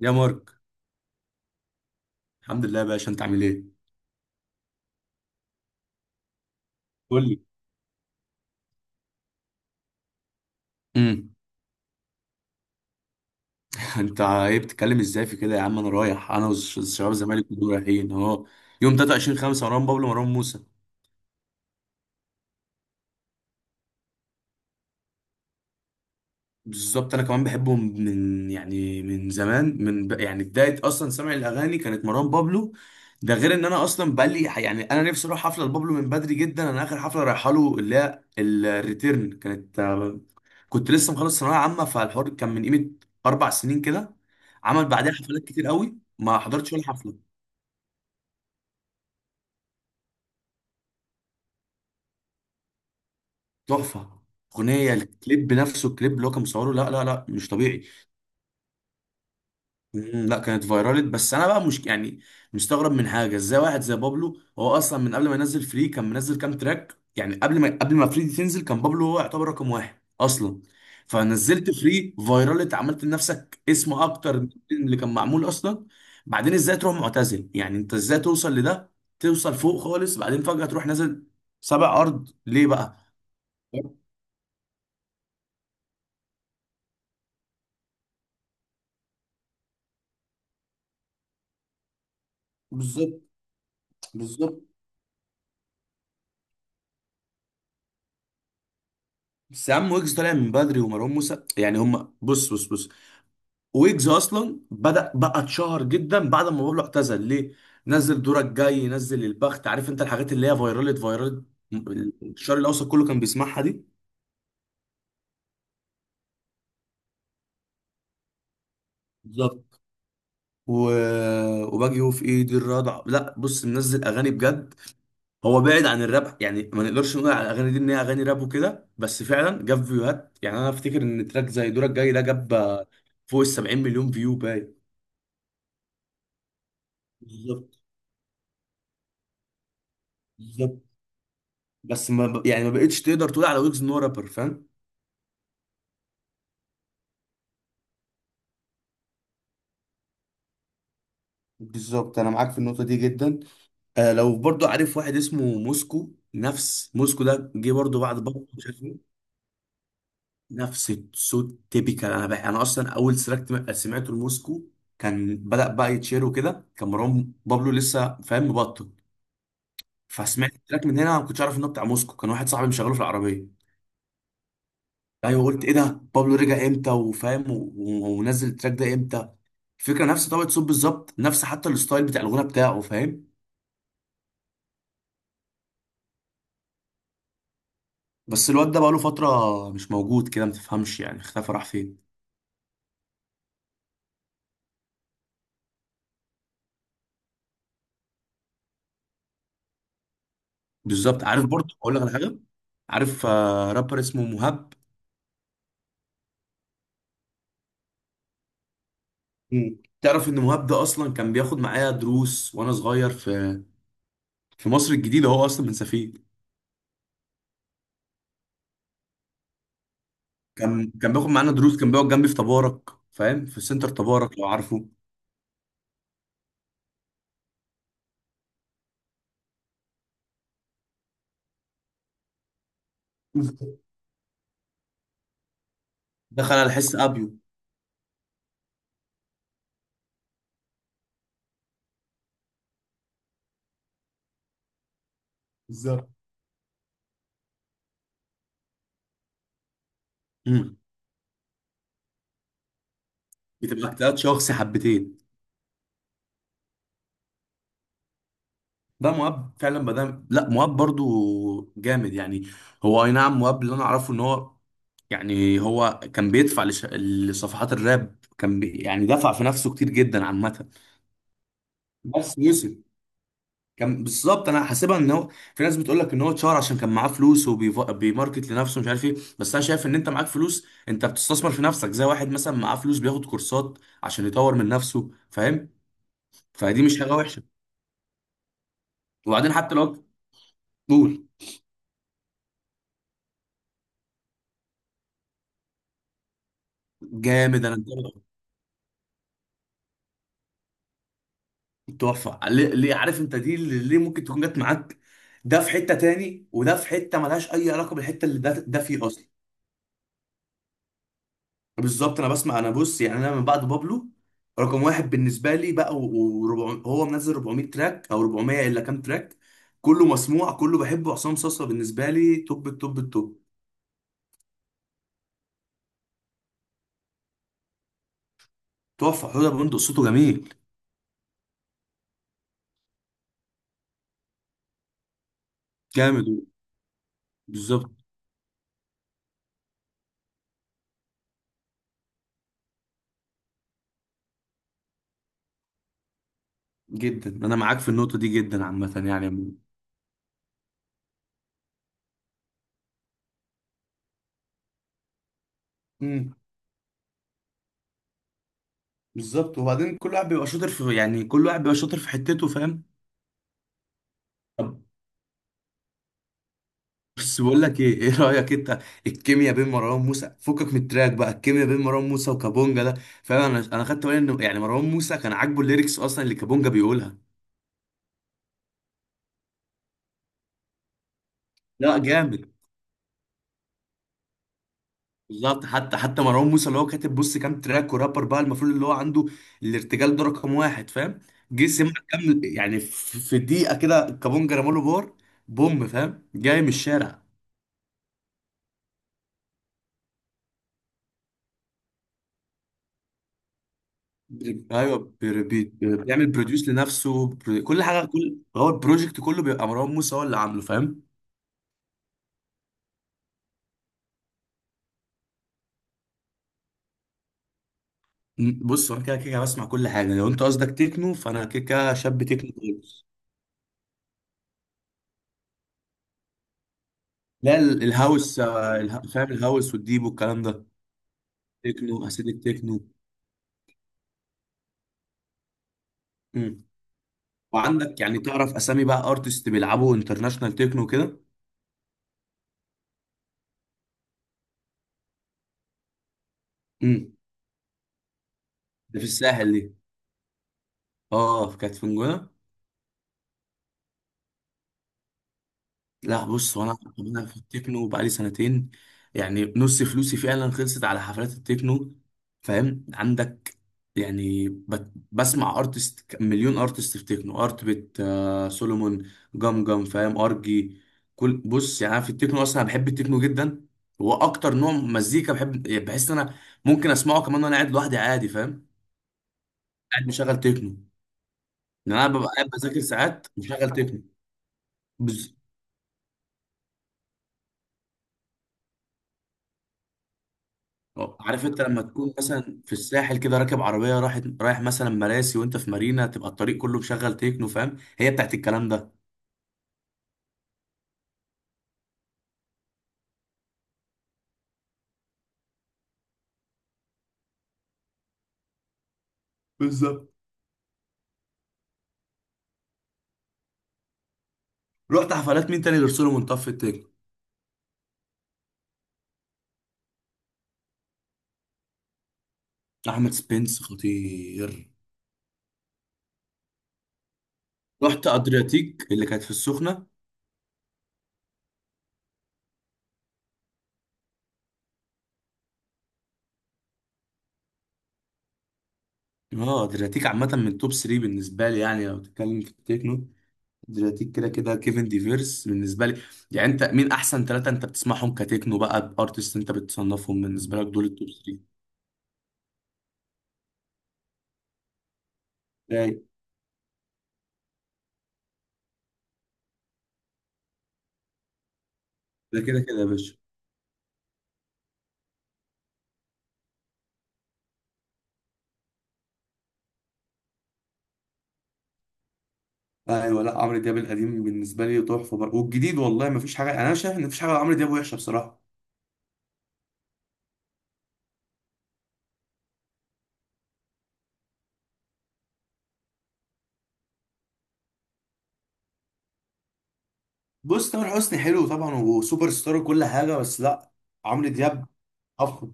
يا مارك. الحمد لله يا باشا، انت عامل ايه؟ قول لي. امم انت ايه بتتكلم ازاي في كده يا عم؟ انا رايح، انا والشباب الزمالك كلهم رايحين اهو. يوم 23 5، مروان بابلو، مروان موسى. بالظبط، انا كمان بحبهم من زمان، من ب... يعني بدايه اصلا سمع الاغاني كانت مروان بابلو. ده غير ان انا اصلا بقالي، يعني انا نفسي اروح حفله لبابلو من بدري جدا. انا اخر حفله رايحه له، اللي هي الريتيرن، كانت كنت لسه مخلص ثانويه عامه، فالحوار كان من قيمه 4 سنين كده. عمل بعدها حفلات كتير قوي، ما حضرتش ولا حفله. تحفه. اغنيه الكليب نفسه، الكليب اللي هو كان مصوره، لا لا لا، مش طبيعي. مم، لا، كانت فايرالت. بس انا بقى مش، يعني، مستغرب من حاجه. ازاي واحد زي بابلو هو اصلا من قبل ما ينزل فري كان منزل كام تراك؟ يعني قبل ما فري دي تنزل، كان بابلو هو يعتبر رقم واحد اصلا. فنزلت فري فايرالت، عملت لنفسك اسم اكتر من اللي كان معمول اصلا. بعدين ازاي تروح معتزل؟ يعني انت ازاي توصل لده، توصل فوق خالص، بعدين فجاه تروح نازل سبع ارض؟ ليه بقى؟ بالظبط. بالظبط. بس يا عم، ويجز طالع من بدري، ومروان موسى يعني هم، بص بص بص، ويجز اصلا بدأ بقى اتشهر جدا بعد ما بابلو اعتزل. ليه؟ نزل دورك جاي، نزل البخت، عارف انت، الحاجات اللي هي فايرالت، الشرق الاوسط كله كان بيسمعها دي. بالظبط. و... وباجي هو في ايدي الرضع، لا بص، منزل اغاني بجد. هو بعيد عن الراب يعني، ما نقدرش نقول على الاغاني دي ان هي اغاني راب وكده، بس فعلا جاب فيوهات. يعني انا افتكر ان تراك زي دورك جاي ده جاب فوق ال 70 مليون فيو باين. بالظبط. بالظبط. بس ما ب... يعني ما بقتش تقدر تقول على ويجز ان هو رابر، فاهم. بالظبط، انا معاك في النقطه دي جدا. آه، لو برضو عارف واحد اسمه موسكو. نفس موسكو ده جه برضو بعد بابا شافه. نفس الصوت تيبيكال. انا بقى انا اصلا اول سرقت سمعته لموسكو كان بدأ بقى يتشير وكده، كان مروان بابلو لسه، فاهم، مبطل. فسمعت التراك من هنا، ما كنتش عارف انه بتاع موسكو. كان واحد صاحبي مشغله في العربيه. ايوه، قلت ايه ده؟ بابلو رجع امتى وفاهم ونزل التراك ده امتى؟ الفكره نفس طبقه صوت بالظبط، نفس حتى الستايل بتاع الغنى بتاعه، فاهم. بس الواد ده بقاله فترة مش موجود كده، ما تفهمش، يعني اختفى، راح فين؟ بالظبط. عارف برضه؟ اقول لك على حاجة. عارف رابر اسمه مهاب؟ مم. تعرف ان مهاب ده اصلا كان بياخد معايا دروس وانا صغير في مصر الجديدة. هو اصلا من سفيه. كان بياخد معانا دروس، كان بيقعد جنبي في تبارك، فاهم، في سنتر تبارك لو عارفه. بالظبط. دخل على حس ابيو. بالظبط. امم بتبقى اجتهاد شخصي حبتين. ده مؤاب فعلا بدأ، لا مؤاب برضو جامد يعني. هو اي نعم، مؤاب اللي انا اعرفه ان هو، يعني هو كان بيدفع لصفحات الراب، كان بي... يعني دفع في نفسه كتير جدا عامة. بس وصل. كان بالظبط، انا حاسبها ان هو، في ناس بتقول لك ان هو اتشهر عشان كان معاه فلوس وبيماركت لنفسه، مش عارف ايه. بس انا شايف ان انت معاك فلوس انت بتستثمر في نفسك، زي واحد مثلا معاه فلوس بياخد كورسات عشان يطور من نفسه، فاهم. فدي مش حاجة وحشة. وبعدين حتى لو. قول. جامد، انا تحفة. ليه, ليه؟ عارف انت، دي اللي ليه ممكن تكون جت معاك. ده في حتة تاني وده في حتة ملهاش أي علاقة بالحتة اللي ده فيه أصلا. بالظبط. أنا بسمع، أنا بص يعني، أنا من بعد بابلو رقم واحد بالنسبة لي بقى، وربع هو منزل 400 تراك أو 400 إلا كام تراك. كله مسموع، كله بحبه. عصام صاصا بالنسبة لي توب التوب التوب. تحفة. حوده بندق صوته جميل. جامد. بالظبط. جدا أنا معاك في النقطة دي جدا عامة يعني. امم بالظبط. وبعدين كل واحد بيبقى شاطر في، يعني كل واحد بيبقى شاطر في حتته، فاهم. طب، بس بقول لك ايه، ايه رايك انت، الكيمياء بين مروان موسى، فكك من التراك بقى، الكيمياء بين مروان موسى وكابونجا ده، فاهم، انا خدت بالي انه يعني مروان موسى كان عاجبه الليركس اصلا اللي كابونجا بيقولها. لا جامد. بالظبط. حتى مروان موسى اللي هو كاتب، بص، كام تراك، ورابر بقى المفروض اللي هو عنده الارتجال ده رقم واحد، فاهم. جه سمع كام، يعني في دقيقه كده كابونجا رماله بار بوم، فاهم، جاي من الشارع. بي- ايوه بي- بي- بيعمل بروديوس لنفسه، كل حاجه، كل هو البروجكت كله بيبقى مروان موسى هو اللي عامله، فاهم. بص، هو انا كده كده بسمع كل حاجه. لو انت قصدك تكنو، فانا كده كده شاب تكنو خالص. لا، الهاوس، فاهم، الهاوس والديب والكلام ده. تكنو اسيدك تكنو. مم. وعندك يعني تعرف اسامي بقى، ارتست بيلعبوا انترناشونال تكنو كده؟ مم. ده في الساحل دي. اه، كانت في نجوى. لا بص، وانا انا في التكنو بقالي سنتين. يعني نص فلوسي فعلا خلصت على حفلات التكنو. فاهم عندك، يعني بسمع ارتست، مليون ارتست في تكنو، ارت بيت، سولومون، جام فاهم، ارجي، كل بص يعني. أنا في التكنو اصلا أنا بحب التكنو جدا. هو اكتر نوع مزيكا بحب، يعني بحس ان انا ممكن اسمعه كمان وانا قاعد لوحدي عادي، فاهم، قاعد مشغل تكنو. لان انا ببقى قاعد بذاكر ساعات مشغل تكنو. أه، عارف انت لما تكون مثلا في الساحل كده، راكب عربيه رايح مثلا مراسي وانت في مارينا، تبقى الطريق كله مشغل تكنو، فاهم، هي بتاعت الكلام ده. بالظبط. رحت حفلات مين تاني غير سولو منطاد في التكنو؟ احمد سبنس خطير. رحت ادرياتيك اللي كانت في السخنه. اه، ادرياتيك عامه من توب 3 بالنسبه لي، يعني لو بتتكلم في التكنو، ادرياتيك كده كده، كيفن ديفيرس بالنسبه لي. يعني انت مين احسن ثلاثه انت بتسمعهم كتكنو بقى، بارتست انت بتصنفهم بالنسبه لك دول التوب 3؟ ده ده كده كده يا باشا. ايوه، لا عمرو دياب القديم بالنسبه لي تحفه برضه، والجديد والله ما فيش حاجه. انا شايف ان مفيش حاجه عمرو دياب وحشه بصراحه. بص، تامر حسني حلو طبعا وسوبر ستار وكل حاجه، بس لا، عمرو دياب افضل.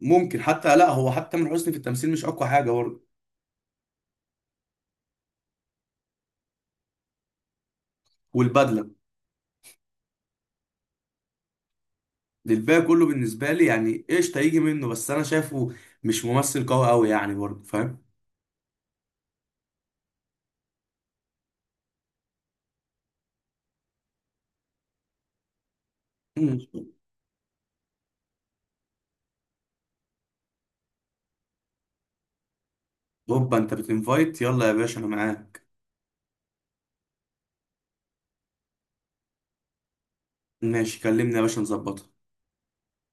ممكن حتى، لا هو، حتى تامر حسني في التمثيل مش اقوى حاجه برضه. والبدله. الباقي كله بالنسبه لي يعني قشطه يجي منه، بس انا شايفه مش ممثل قوي قوي يعني برضه، فاهم. مم. هوبا، انت بتنفايت، يلا يا باشا انا معاك. ماشي، كلمني يا باشا نظبطها.